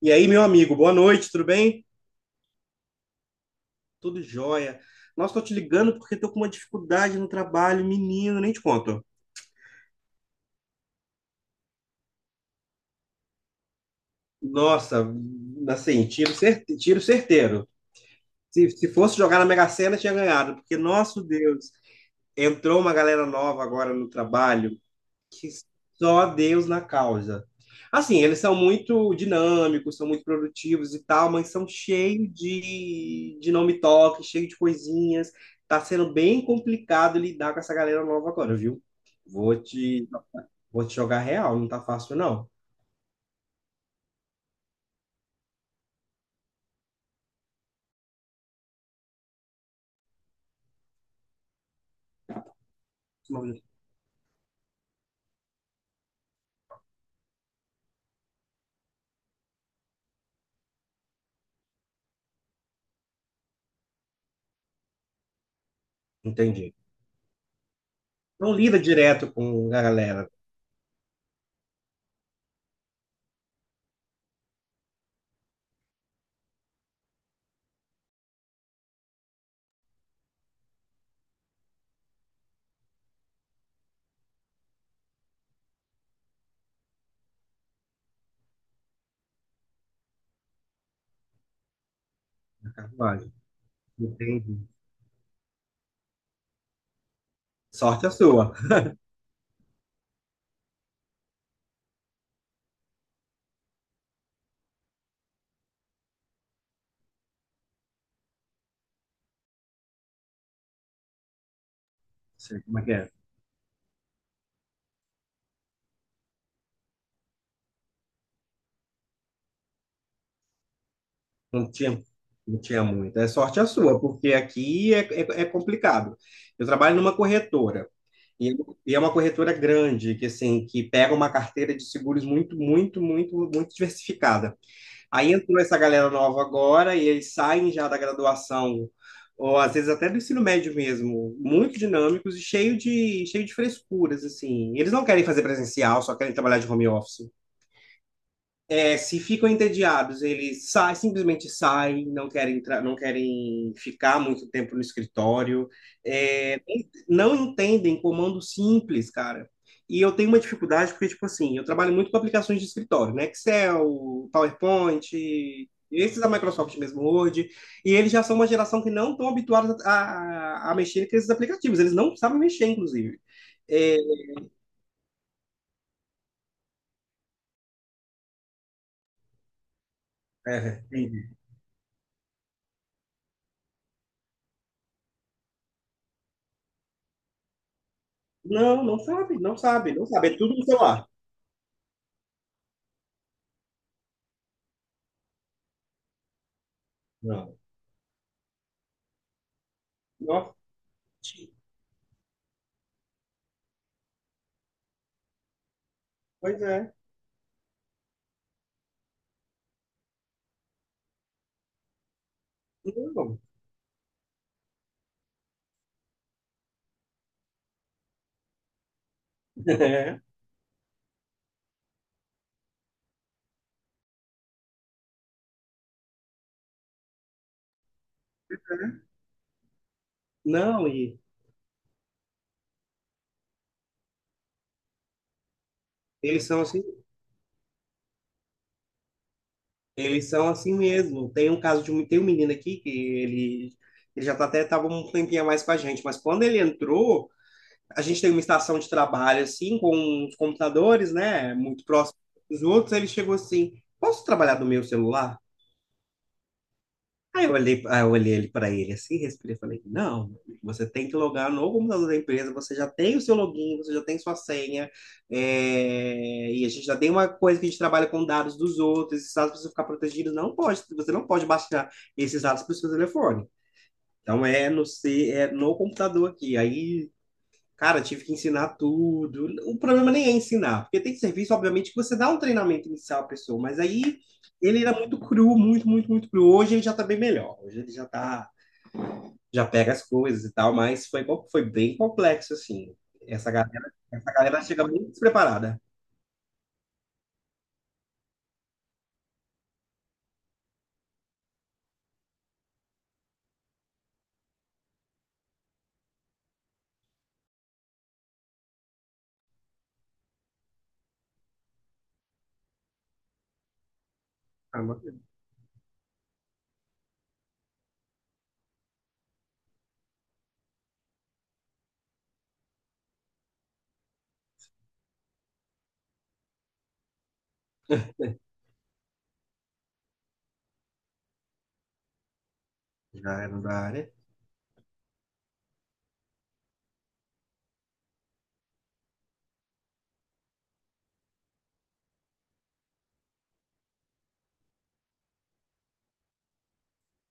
E aí, meu amigo, boa noite, tudo bem? Tudo jóia. Nossa, tô te ligando porque tô com uma dificuldade no trabalho, menino, nem te conto. Nossa, assim, tiro certeiro. Se fosse jogar na Mega Sena, tinha ganhado, porque, nosso Deus, entrou uma galera nova agora no trabalho. Que só Deus na causa. Assim, eles são muito dinâmicos, são muito produtivos e tal, mas são cheios de nome toque, cheio de coisinhas. Tá sendo bem complicado lidar com essa galera nova agora, viu? Vou te, vou te jogar real, não tá fácil, não. Entendi. Não lida direto com a galera da carruagem. Entendi. Sorte a sua. Sei como é que é. Não tinha, não tinha muito. É sorte a sua, porque aqui é complicado. Eu trabalho numa corretora, e, e é uma corretora grande, que assim, que pega uma carteira de seguros muito, muito, muito, muito diversificada. Aí entrou essa galera nova agora, e eles saem já da graduação, ou às vezes até do ensino médio mesmo, muito dinâmicos e cheio de frescuras, assim. Eles não querem fazer presencial, só querem trabalhar de home office. É, se ficam entediados, eles saem, simplesmente saem, não querem entrar, não querem ficar muito tempo no escritório, é, não entendem comando simples, cara. E eu tenho uma dificuldade porque, tipo assim, eu trabalho muito com aplicações de escritório, né? Excel, PowerPoint, esses da Microsoft mesmo, Word, e eles já são uma geração que não estão habituados a mexer com esses aplicativos, eles não sabem mexer, inclusive. É, É, entendi. Não, não sabe, é tudo no celular. Nossa, pois é. Não. Não, e eles são assim, eles são assim mesmo. Tem um caso de um, tem um menino aqui que ele já tá até estava um tempinho a mais com a gente, mas quando ele entrou, a gente tem uma estação de trabalho assim com os computadores, né, muito próximo dos outros, ele chegou assim: "Posso trabalhar do meu celular?" Aí eu olhei ele para ele assim, respirei e falei, não, você tem que logar no computador da empresa, você já tem o seu login, você já tem sua senha, e a gente já tem uma coisa que a gente trabalha com dados dos outros, esses dados precisam ficar protegidos, você não pode baixar esses dados para o seu telefone. Então é no, se- é no computador aqui. Aí cara, tive que ensinar tudo. O problema nem é ensinar, porque tem serviço, obviamente, que você dá um treinamento inicial à pessoa, mas aí ele era muito cru, muito cru. Hoje ele já tá bem melhor. Hoje ele já tá, já pega as coisas e tal, mas foi, co- foi bem complexo, assim. Essa galera chega muito despreparada. Ah, mas já era da área.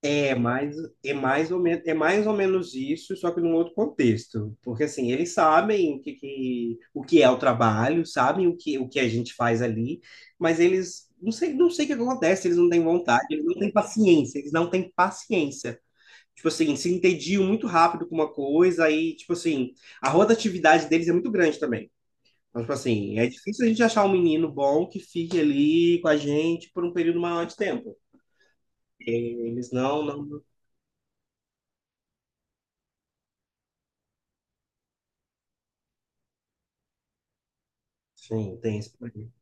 É mais, é mais ou menos isso, só que num outro contexto. Porque assim, eles sabem o que, que- o que é o trabalho, sabem o que a gente faz ali, mas eles não sei, não sei o que acontece, eles não têm vontade, eles não têm paciência. Tipo assim, se entediam muito rápido com uma coisa, aí, tipo assim, a rotatividade deles é muito grande também. Então, tipo assim, é difícil a gente achar um menino bom que fique ali com a gente por um período maior de tempo. Eles não, não, sim, tem esse problema.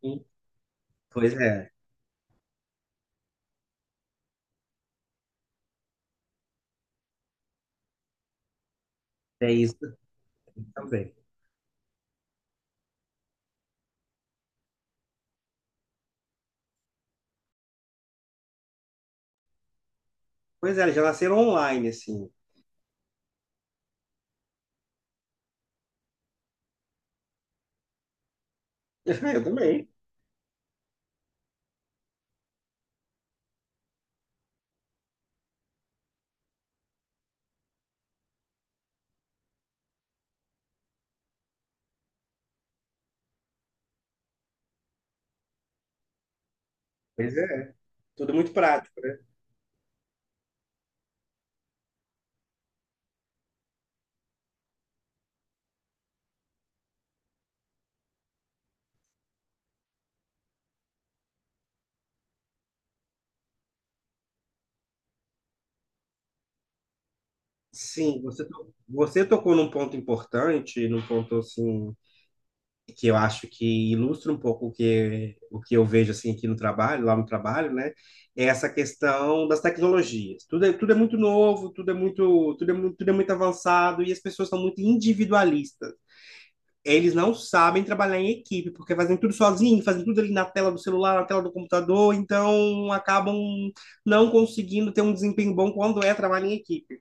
Sim. Pois é, é isso também. Pois é, eles já nasceram online, assim. Eu também. Pois é, tudo muito prático. Sim, você, to- você tocou num ponto importante, num ponto, assim, que eu acho que ilustra um pouco o que eu vejo, assim, aqui no trabalho, lá no trabalho, né? É essa questão das tecnologias. Tudo é muito novo, tudo é muito, tudo é, mu- tudo é muito avançado e as pessoas são muito individualistas. Eles não sabem trabalhar em equipe, porque fazem tudo sozinho, fazem tudo ali na tela do celular, na tela do computador, então acabam não conseguindo ter um desempenho bom quando é trabalho em equipe.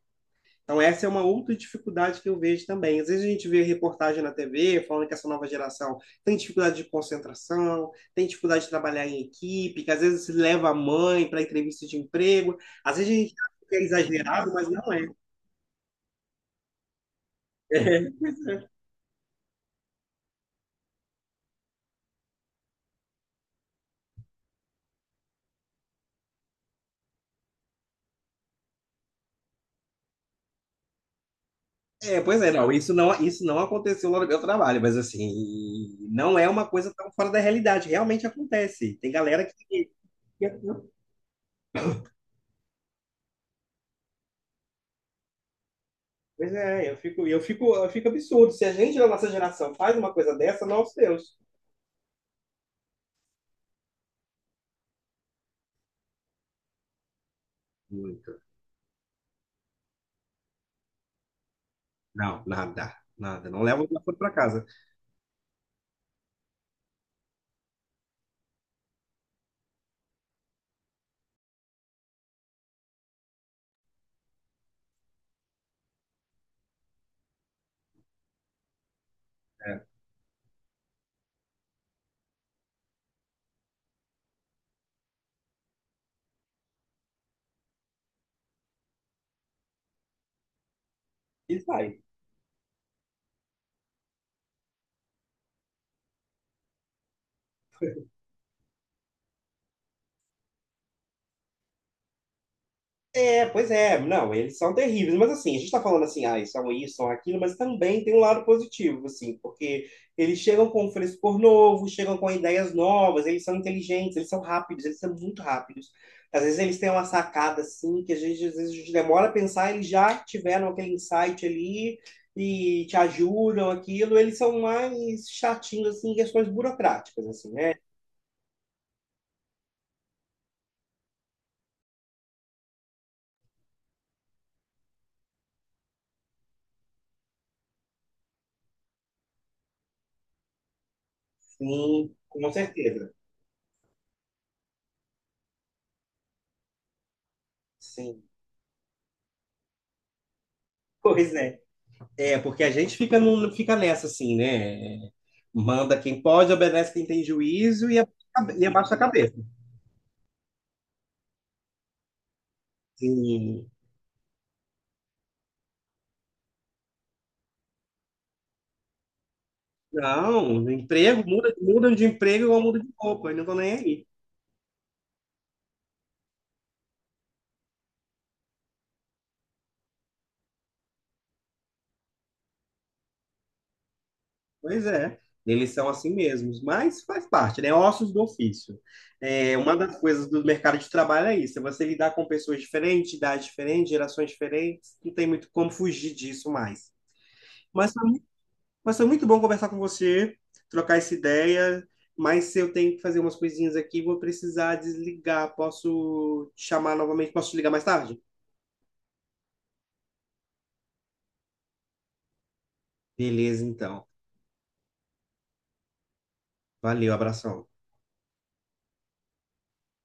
Então essa é uma outra dificuldade que eu vejo também. Às vezes a gente vê reportagem na TV falando que essa nova geração tem dificuldade de concentração, tem dificuldade de trabalhar em equipe, que às vezes leva a mãe para entrevista de emprego. Às vezes a gente acha que é exagerado, mas não é. É, pois é, não, isso não aconteceu lá no meu trabalho, mas assim, não é uma coisa tão fora da realidade, realmente acontece. Tem galera que. Que- Pois é, eu fico absurdo. Se a gente da nossa geração faz uma coisa dessa, nosso Deus. Muito. Não, nada, nada. Não leva o telefone para casa. É. E sai. É, pois é, não, eles são terríveis, mas assim, a gente tá falando assim, ah, são isso, são aquilo, mas também tem um lado positivo, assim, porque eles chegam com um frescor novo, chegam com ideias novas, eles são inteligentes, eles são rápidos, eles são muito rápidos. Às vezes eles têm uma sacada, assim, que a gente, às vezes a gente demora a pensar, eles já tiveram aquele insight ali e te ajudam, aquilo, eles são mais chatinhos, assim, em questões burocráticas, assim, né? Sim, com certeza, sim. Pois é. É, porque a gente fica, num, fica nessa assim, né? Manda quem pode, obedece quem tem juízo e, a- e abaixa a cabeça. Sim. Não, no emprego, muda, mudam de emprego igual muda de roupa, e não estão nem aí. Pois é, eles são assim mesmos, mas faz parte, né? Ossos do ofício. É, uma das coisas do mercado de trabalho é isso, é você lidar com pessoas diferentes, idades diferentes, gerações diferentes, não tem muito como fugir disso mais. Mas Mas foi muito bom conversar com você, trocar essa ideia. Mas se eu tenho que fazer umas coisinhas aqui, vou precisar desligar. Posso te chamar novamente? Posso te ligar mais tarde? Beleza, então. Valeu, abração.